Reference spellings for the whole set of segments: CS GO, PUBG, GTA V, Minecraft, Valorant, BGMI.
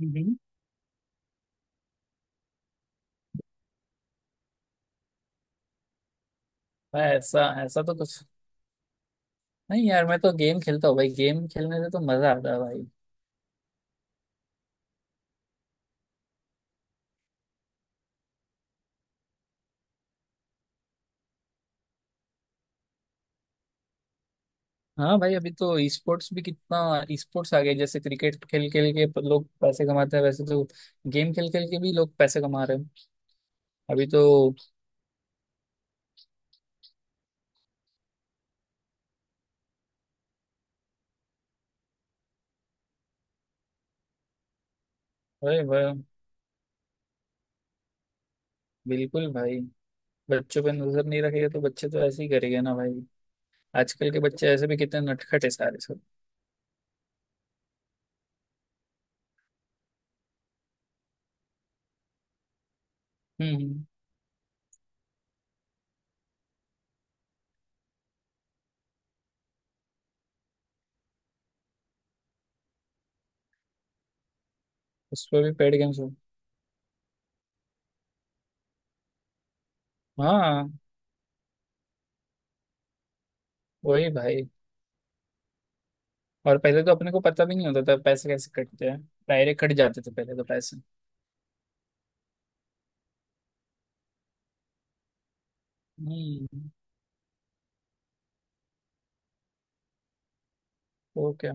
हम्म। भाई, ऐसा ऐसा तो कुछ नहीं यार, मैं तो गेम खेलता हूँ भाई। गेम खेलने से तो मजा आता है भाई। हाँ भाई, अभी तो ई स्पोर्ट्स भी कितना, ई स्पोर्ट्स आ गए। जैसे क्रिकेट खेल खेल के लोग पैसे कमाते हैं, वैसे तो गेम खेल खेल के भी लोग पैसे कमा रहे हैं। अभी तो। अरे भाई, बिल्कुल भाई। बच्चों पे नजर नहीं रखेगा तो बच्चे तो ऐसे ही करेंगे ना भाई। आजकल के बच्चे ऐसे भी कितने नटखट है सारे सब। हम्म। उस पर भी पेड गेम्स हो। हाँ। वही भाई। और पहले तो अपने को पता भी नहीं होता था पैसे कैसे कटते हैं। डायरेक्ट कट जाते थे पहले तो पैसे। हम्म। तो क्या।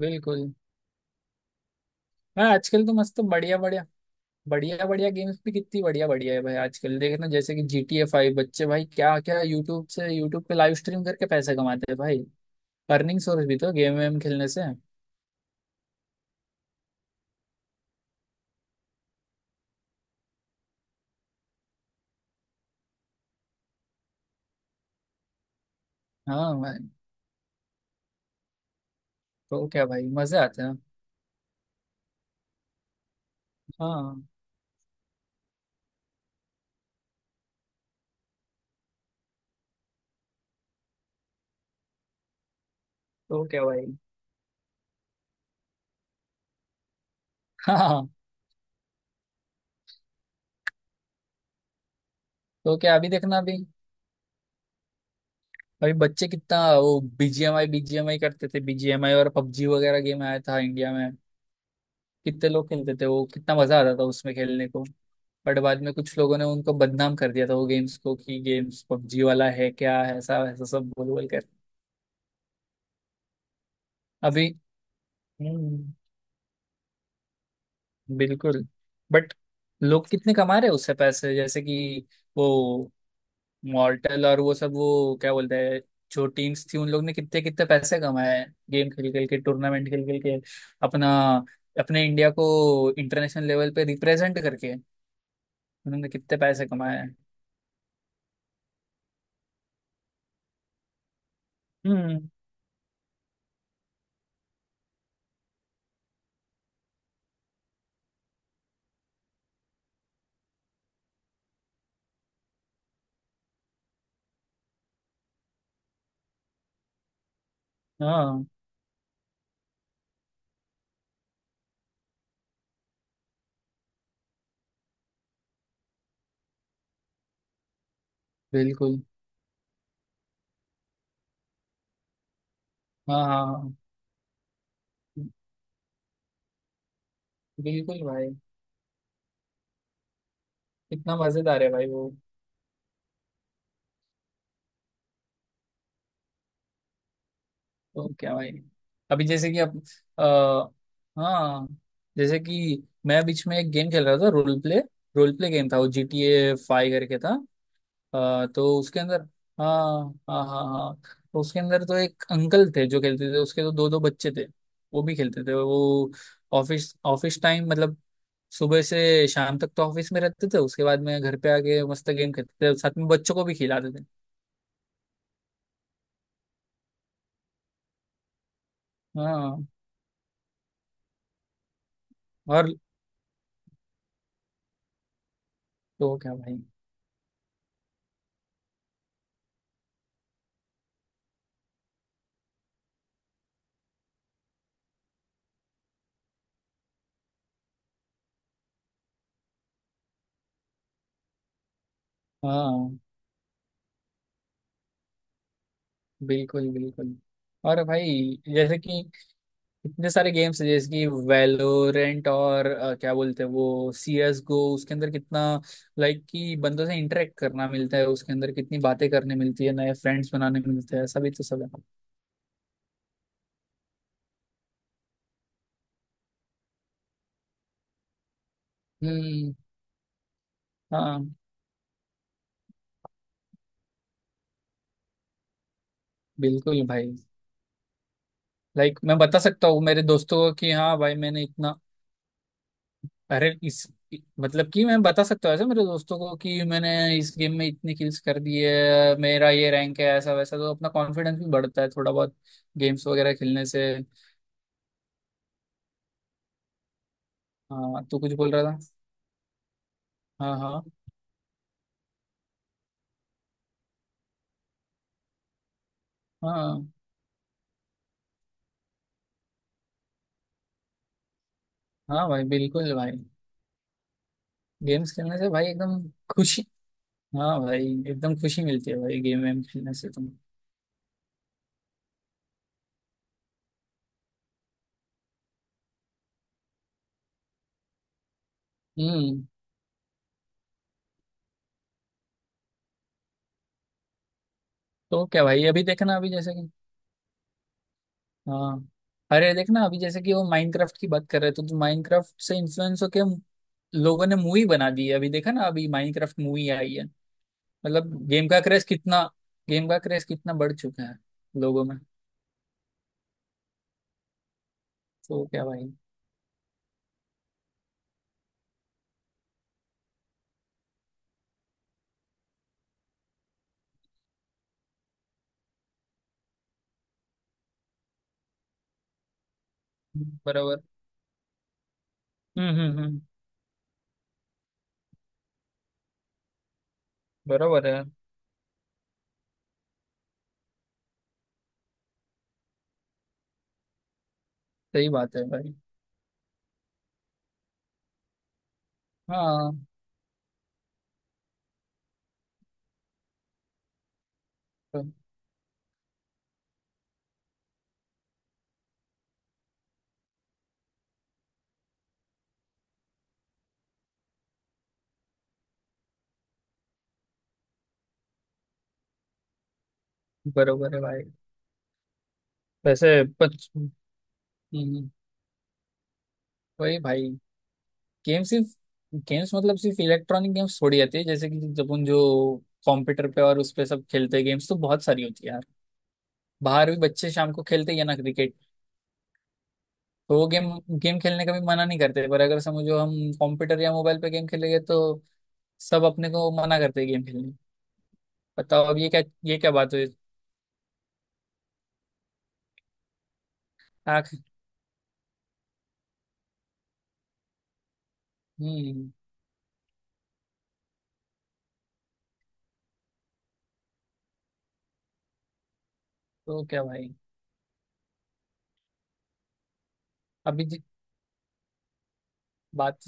बिल्कुल। हाँ, आजकल तो मस्त बढ़िया बढ़िया। बढ़िया बढ़िया गेम्स भी कितनी बढ़िया बढ़िया है भाई आजकल। देखना जैसे कि जी टी ए फाइव, बच्चे भाई क्या क्या यूट्यूब पे लाइव स्ट्रीम करके पैसे कमाते हैं भाई। अर्निंग सोर्स भी तो गेम वेम खेलने से। हाँ भाई। तो क्या भाई, मजे आते हैं। हाँ। तो क्या भाई। हाँ। तो क्या, अभी देखना अभी, अभी बच्चे कितना वो बीजीएमआई बीजीएमआई करते थे। बीजीएमआई और पबजी वगैरह गेम आया था इंडिया में। कितने लोग खेलते थे, वो कितना मजा आता था उसमें खेलने को। बट बाद में कुछ लोगों ने उनको बदनाम कर दिया था वो गेम्स को, कि गेम्स पबजी वाला है क्या है, ऐसा ऐसा सब बोल बोल कर। अभी। हम्म। बिल्कुल। बट। लोग कितने कमा रहे हैं उससे पैसे, जैसे कि वो मॉर्टल और वो सब, वो क्या बोलते हैं, जो टीम्स थी उन लोग ने कितने कितने पैसे कमाए हैं गेम खेल खेल के, टूर्नामेंट खेल खेल के। अपना अपने इंडिया को इंटरनेशनल लेवल पे रिप्रेजेंट करके उन्होंने कितने पैसे कमाए हैं। हम्म। हाँ, बिल्कुल। हाँ हाँ हाँ, बिल्कुल भाई। कितना मजेदार है भाई वो। तो क्या भाई। अभी जैसे कि अब अ, हाँ, जैसे कि मैं बीच में एक गेम खेल रहा था, रोल प्ले गेम था वो, जी टी ए फाइव करके था। तो उसके अंदर। हाँ हाँ हाँ। हाँ, तो उसके अंदर तो एक अंकल थे जो खेलते थे, उसके तो दो दो बच्चे थे। वो भी खेलते थे वो। ऑफिस ऑफिस टाइम मतलब, सुबह से शाम तक तो ऑफिस में रहते थे, उसके बाद में घर पे आके मस्त गेम खेलते थे, साथ में बच्चों को भी खिलाते थे। हाँ। और। तो क्या भाई। हाँ, बिल्कुल बिल्कुल। और भाई, जैसे कि इतने सारे गेम्स हैं, जैसे कि वैलोरेंट और क्या बोलते हैं वो, सी एस गो, उसके अंदर कितना लाइक कि बंदों से इंटरेक्ट करना मिलता है, उसके अंदर कितनी बातें करने मिलती है, नए फ्रेंड्स बनाने मिलते हैं, सभी तो सब है। हम्म। हाँ, बिल्कुल भाई। लाइक मैं बता सकता हूँ मेरे दोस्तों को कि हाँ भाई मैंने इतना। अरे इस, मतलब कि मैं बता सकता हूँ ऐसे मेरे दोस्तों को कि मैंने इस गेम में इतनी किल्स कर दी है, मेरा ये रैंक है, ऐसा वैसा। तो अपना कॉन्फिडेंस भी बढ़ता है थोड़ा बहुत, गेम्स वगैरह खेलने से। हाँ, तू कुछ बोल रहा था। हाँ हाँ हाँ। हाँ भाई, बिल्कुल भाई। गेम्स खेलने से भाई एकदम खुशी। हाँ भाई, एकदम खुशी मिलती है भाई गेम वेम खेलने से तुम। हम्म। तो क्या भाई, अभी देखना अभी जैसे कि। हाँ, अरे देखना अभी, जैसे कि वो माइनक्राफ्ट की बात कर रहे थे, तो माइनक्राफ्ट से इन्फ्लुएंस होके लोगों ने मूवी बना दी है। अभी देखा ना, अभी माइनक्राफ्ट मूवी आई है। मतलब गेम का क्रेज कितना, बढ़ चुका है लोगों में। तो क्या भाई। बराबर। हम्म। बराबर है। सही बात है भाई। हाँ, तो बरोबर है भाई। वैसे। पच हम्म, वही भाई। गेम सिर्फ गेम्स मतलब, सिर्फ इलेक्ट्रॉनिक गेम्स थोड़ी आती है। जैसे कि जब उन जो कंप्यूटर पे और उस पे सब खेलते हैं, गेम्स तो बहुत सारी होती है यार। बाहर भी बच्चे शाम को खेलते ही है ना, क्रिकेट। तो वो गेम गेम खेलने का भी मना नहीं करते, पर अगर समझो हम कंप्यूटर या मोबाइल पे गेम खेलेंगे तो सब अपने को मना करते हैं गेम खेलने। बताओ, अब ये क्या बात हुई। आंख हम्म। तो क्या भाई, अभी जी- बात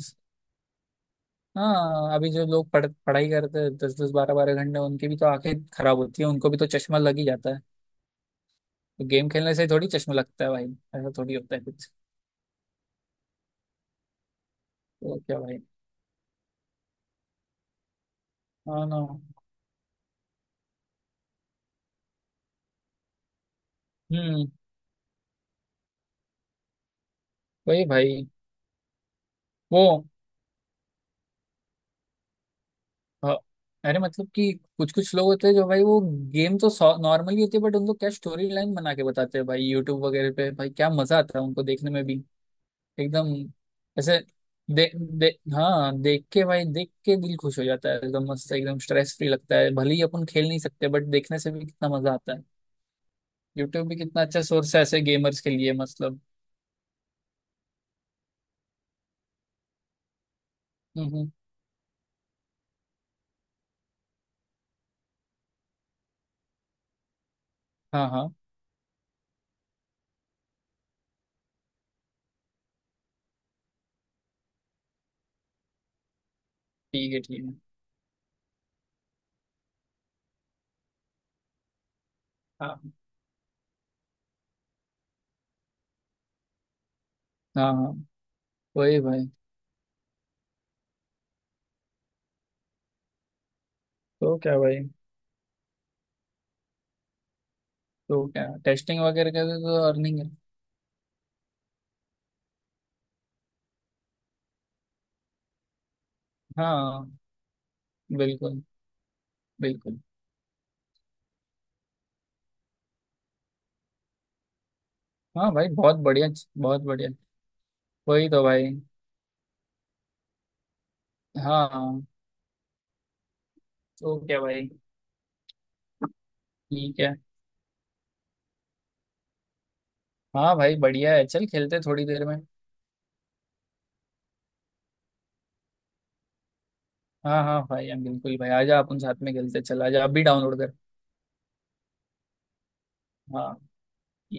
हाँ, अभी जो लोग पढ़ पढ़ाई करते हैं दस दस बारह बारह घंटे, उनकी भी तो आंखें खराब होती है, उनको भी तो चश्मा लग ही जाता है। तो गेम खेलने से थोड़ी चश्मा लगता है भाई, ऐसा थोड़ी होता है कुछ। तो क्या भाई। हाँ ना। हम्म। वही भाई। वो अ, अरे मतलब कि कुछ कुछ लोग होते हैं जो भाई, वो गेम तो नॉर्मली होती है, बट उनको क्या स्टोरी लाइन बना के बताते हैं भाई यूट्यूब वगैरह पे, भाई क्या मजा आता है उनको देखने में भी। एकदम ऐसे दे, दे, हाँ देख के भाई, देख के दिल खुश हो जाता है, एकदम मस्त, एकदम स्ट्रेस फ्री लगता है। भले ही अपन खेल नहीं सकते, बट देखने से भी कितना मजा आता है। यूट्यूब भी कितना अच्छा सोर्स है ऐसे गेमर्स के लिए, मतलब। हम्म। हाँ हाँ। ठीक है ठीक है। हाँ हाँ हाँ। वही भाई। तो क्या भाई। तो क्या, टेस्टिंग वगैरह का भी तो अर्निंग है। हाँ, बिल्कुल बिल्कुल। हाँ भाई, बहुत बढ़िया बहुत बढ़िया। वही तो भाई। हाँ हाँ। तो क्या भाई, ठीक है। हाँ भाई, बढ़िया है, चल खेलते हैं थोड़ी देर में। हाँ हाँ भाई, हम बिल्कुल भाई, आजा अपन साथ में खेलते हैं। चल आजा, आप भी डाउनलोड कर। हाँ।